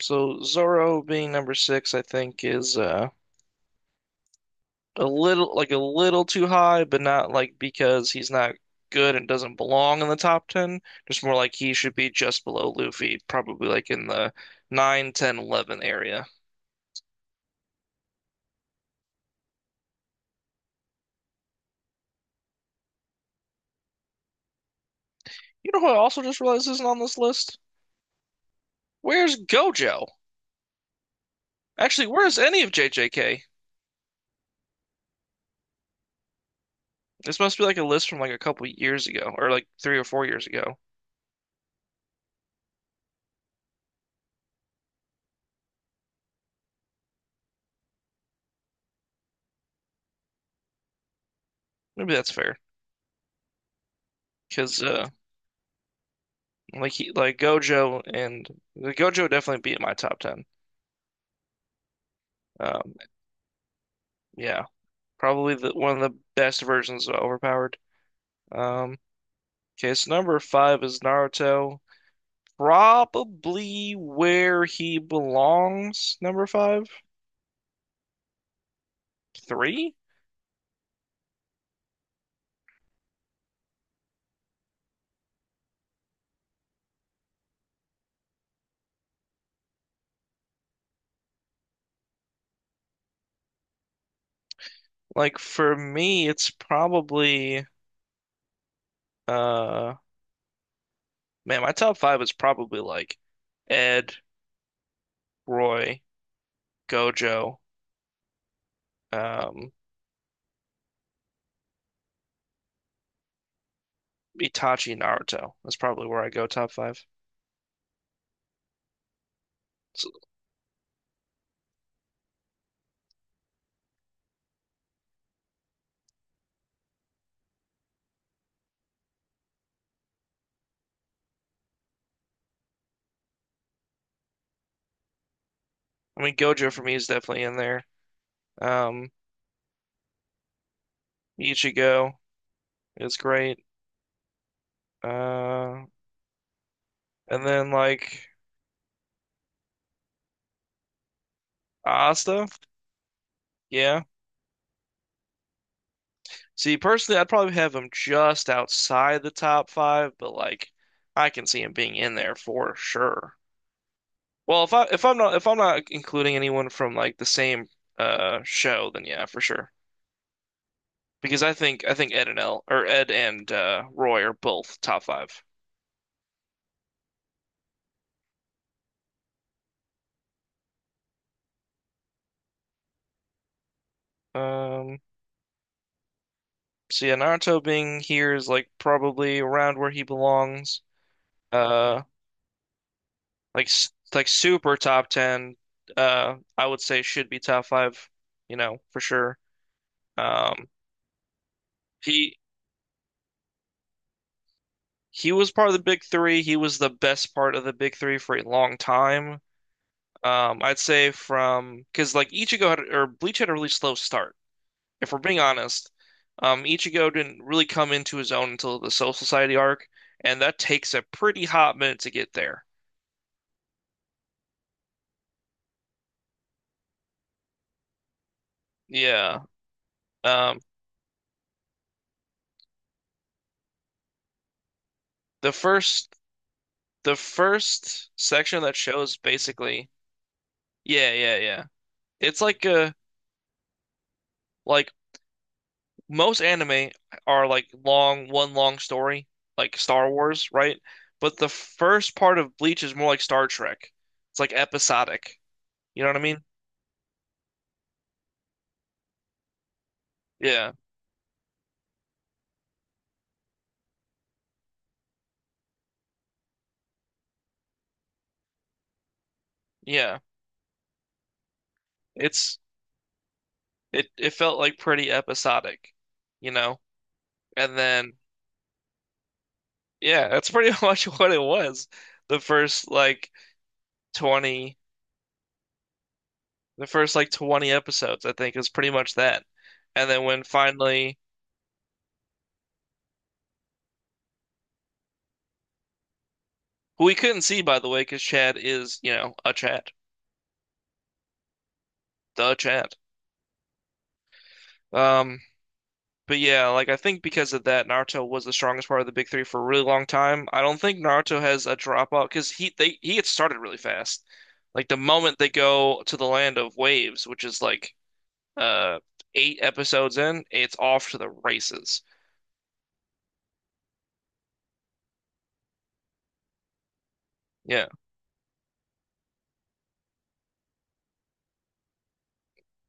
So Zoro being number six, I think, is a little too high, but not like because he's not good and doesn't belong in the top ten. Just more like he should be just below Luffy, probably like in the 9, 10, 11 area. You know who I also just realized isn't on this list? Where's Gojo? Actually, where's any of JJK? This must be like a list from like a couple years ago, or like 3 or 4 years ago. Maybe that's fair, because like Gojo definitely be in my top ten. Um, yeah, probably one of the best versions of overpowered. Um, okay, so number five is Naruto. Probably where he belongs, number five? Three? Like for me, it's probably uh man, my top five is probably like Ed, Roy, Gojo, um, Itachi, Naruto. That's probably where I go top five. So, I mean, Gojo for me is definitely in there. Um, Ichigo is great. Uh, and then like Asta, yeah. See, personally, I'd probably have him just outside the top five, but like I can see him being in there for sure. Well, if I'm not including anyone from like the same show, then yeah, for sure. Because I think Ed and Roy are both top five. Um, so yeah, Naruto being here is like probably around where he belongs. Uh. Like super top 10. I would say should be top 5, for sure. Um he he was part of the big three. He was the best part of the big three for a long time. I'd say from cuz like Ichigo had or Bleach had a really slow start. If we're being honest, Ichigo didn't really come into his own until the Soul Society arc, and that takes a pretty hot minute to get there. Yeah. Um, the first section of that show is basically. Yeah, yeah, yeah. It's like like most anime are like long one long story, like Star Wars, right? But the first part of Bleach is more like Star Trek. It's like episodic. You know what I mean? Yeah. Yeah. It's it felt like pretty episodic, you know? And then yeah, that's pretty much what it was. The first like 20 the first like 20 episodes, I think, is pretty much that. And then when finally who we couldn't see by the way, because Chad is a Chad, the Chad. Um, but yeah, like I think because of that, Naruto was the strongest part of the big three for a really long time. I don't think Naruto has a dropout because he gets started really fast. Like the moment they go to the land of waves, which is like uh eight episodes in, it's off to the races. Yeah,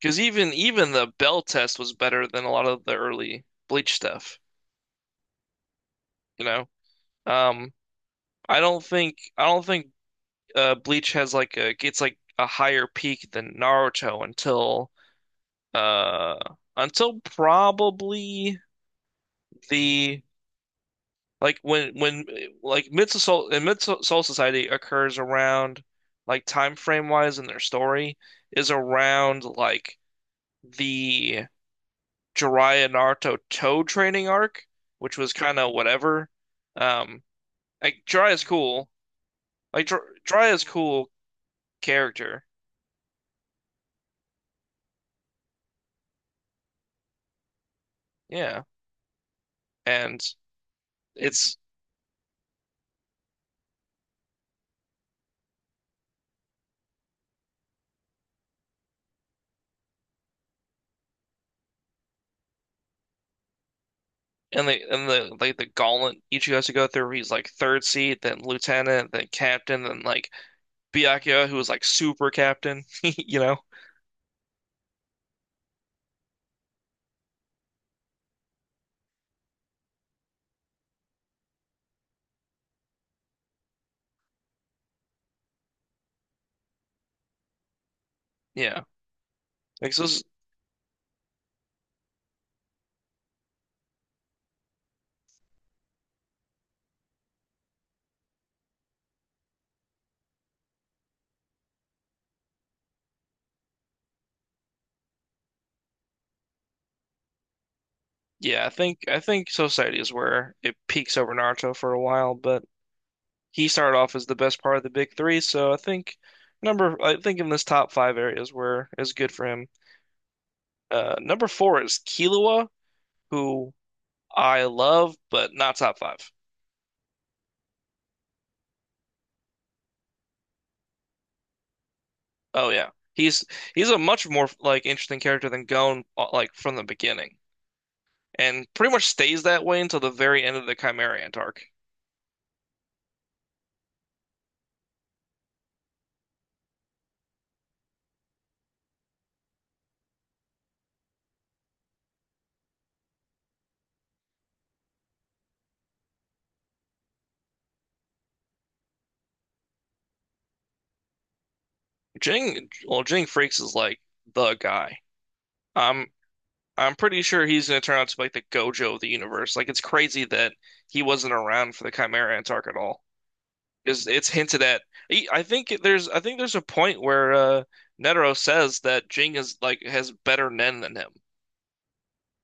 because even the bell test was better than a lot of the early Bleach stuff. You know, um, I don't think Bleach has like a gets like a higher peak than Naruto until uh probably the like when like Mid Soul Society occurs around like time frame wise in their story is around like the Jiraiya Naruto toe training arc, which was kind of whatever. Um, like Jiraiya's cool, like Jir Jiraiya's cool character, yeah, and it's and the gauntlet Ichigo has to go through. He's like third seat, then lieutenant, then captain, then like Byakuya, who was like super captain. You know? Yeah. Like so. Yeah, I think Society is where it peaks over Naruto for a while, but he started off as the best part of the big three. So I think in this top five areas where is good for him. Number four is Killua, who I love, but not top five. Oh yeah, he's a much more like interesting character than Gon like from the beginning, and pretty much stays that way until the very end of the Chimeriant arc. Jing, well, Jing Freaks is like the guy. I'm I'm pretty sure he's gonna turn out to be like the Gojo of the universe. Like it's crazy that he wasn't around for the Chimeriant arc at all. It's hinted at. I think there's a point where Netero says that Jing is like has better Nen than him.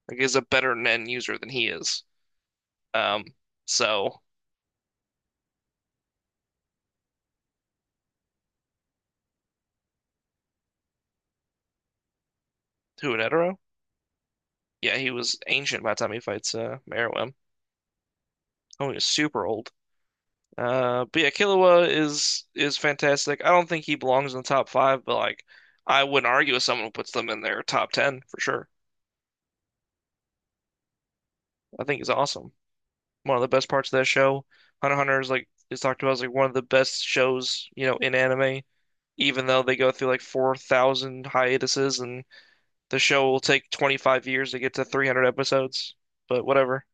Like he's a better Nen user than he is. Um, so Huanetaro? Yeah, he was ancient by the time he fights Meruem. Oh, he was super old. But yeah, Killua is fantastic. I don't think he belongs in the top five, but like I wouldn't argue with someone who puts them in their top ten for sure. I think he's awesome. One of the best parts of that show. Hunter x Hunter is talked about as like one of the best shows, in anime, even though they go through like 4,000 hiatuses and the show will take 25 years to get to 300 episodes. But whatever.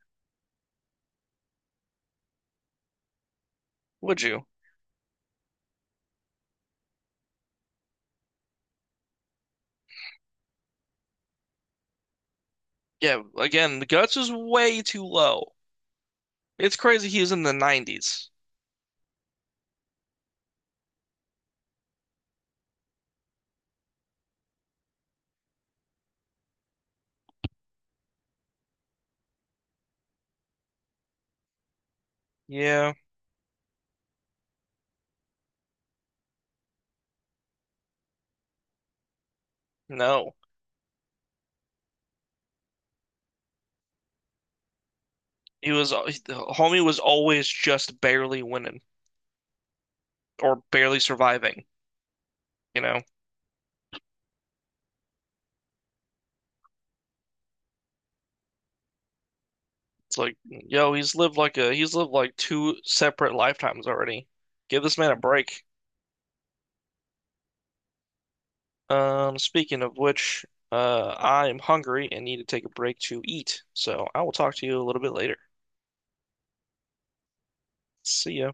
Would you? Yeah, again, the guts is way too low. It's crazy he was in the 90s. Yeah, no. Homie was always just barely winning or barely surviving, you know? It's like, yo, he's lived like two separate lifetimes already. Give this man a break. Speaking of which, I'm hungry and need to take a break to eat. So I will talk to you a little bit later. See ya.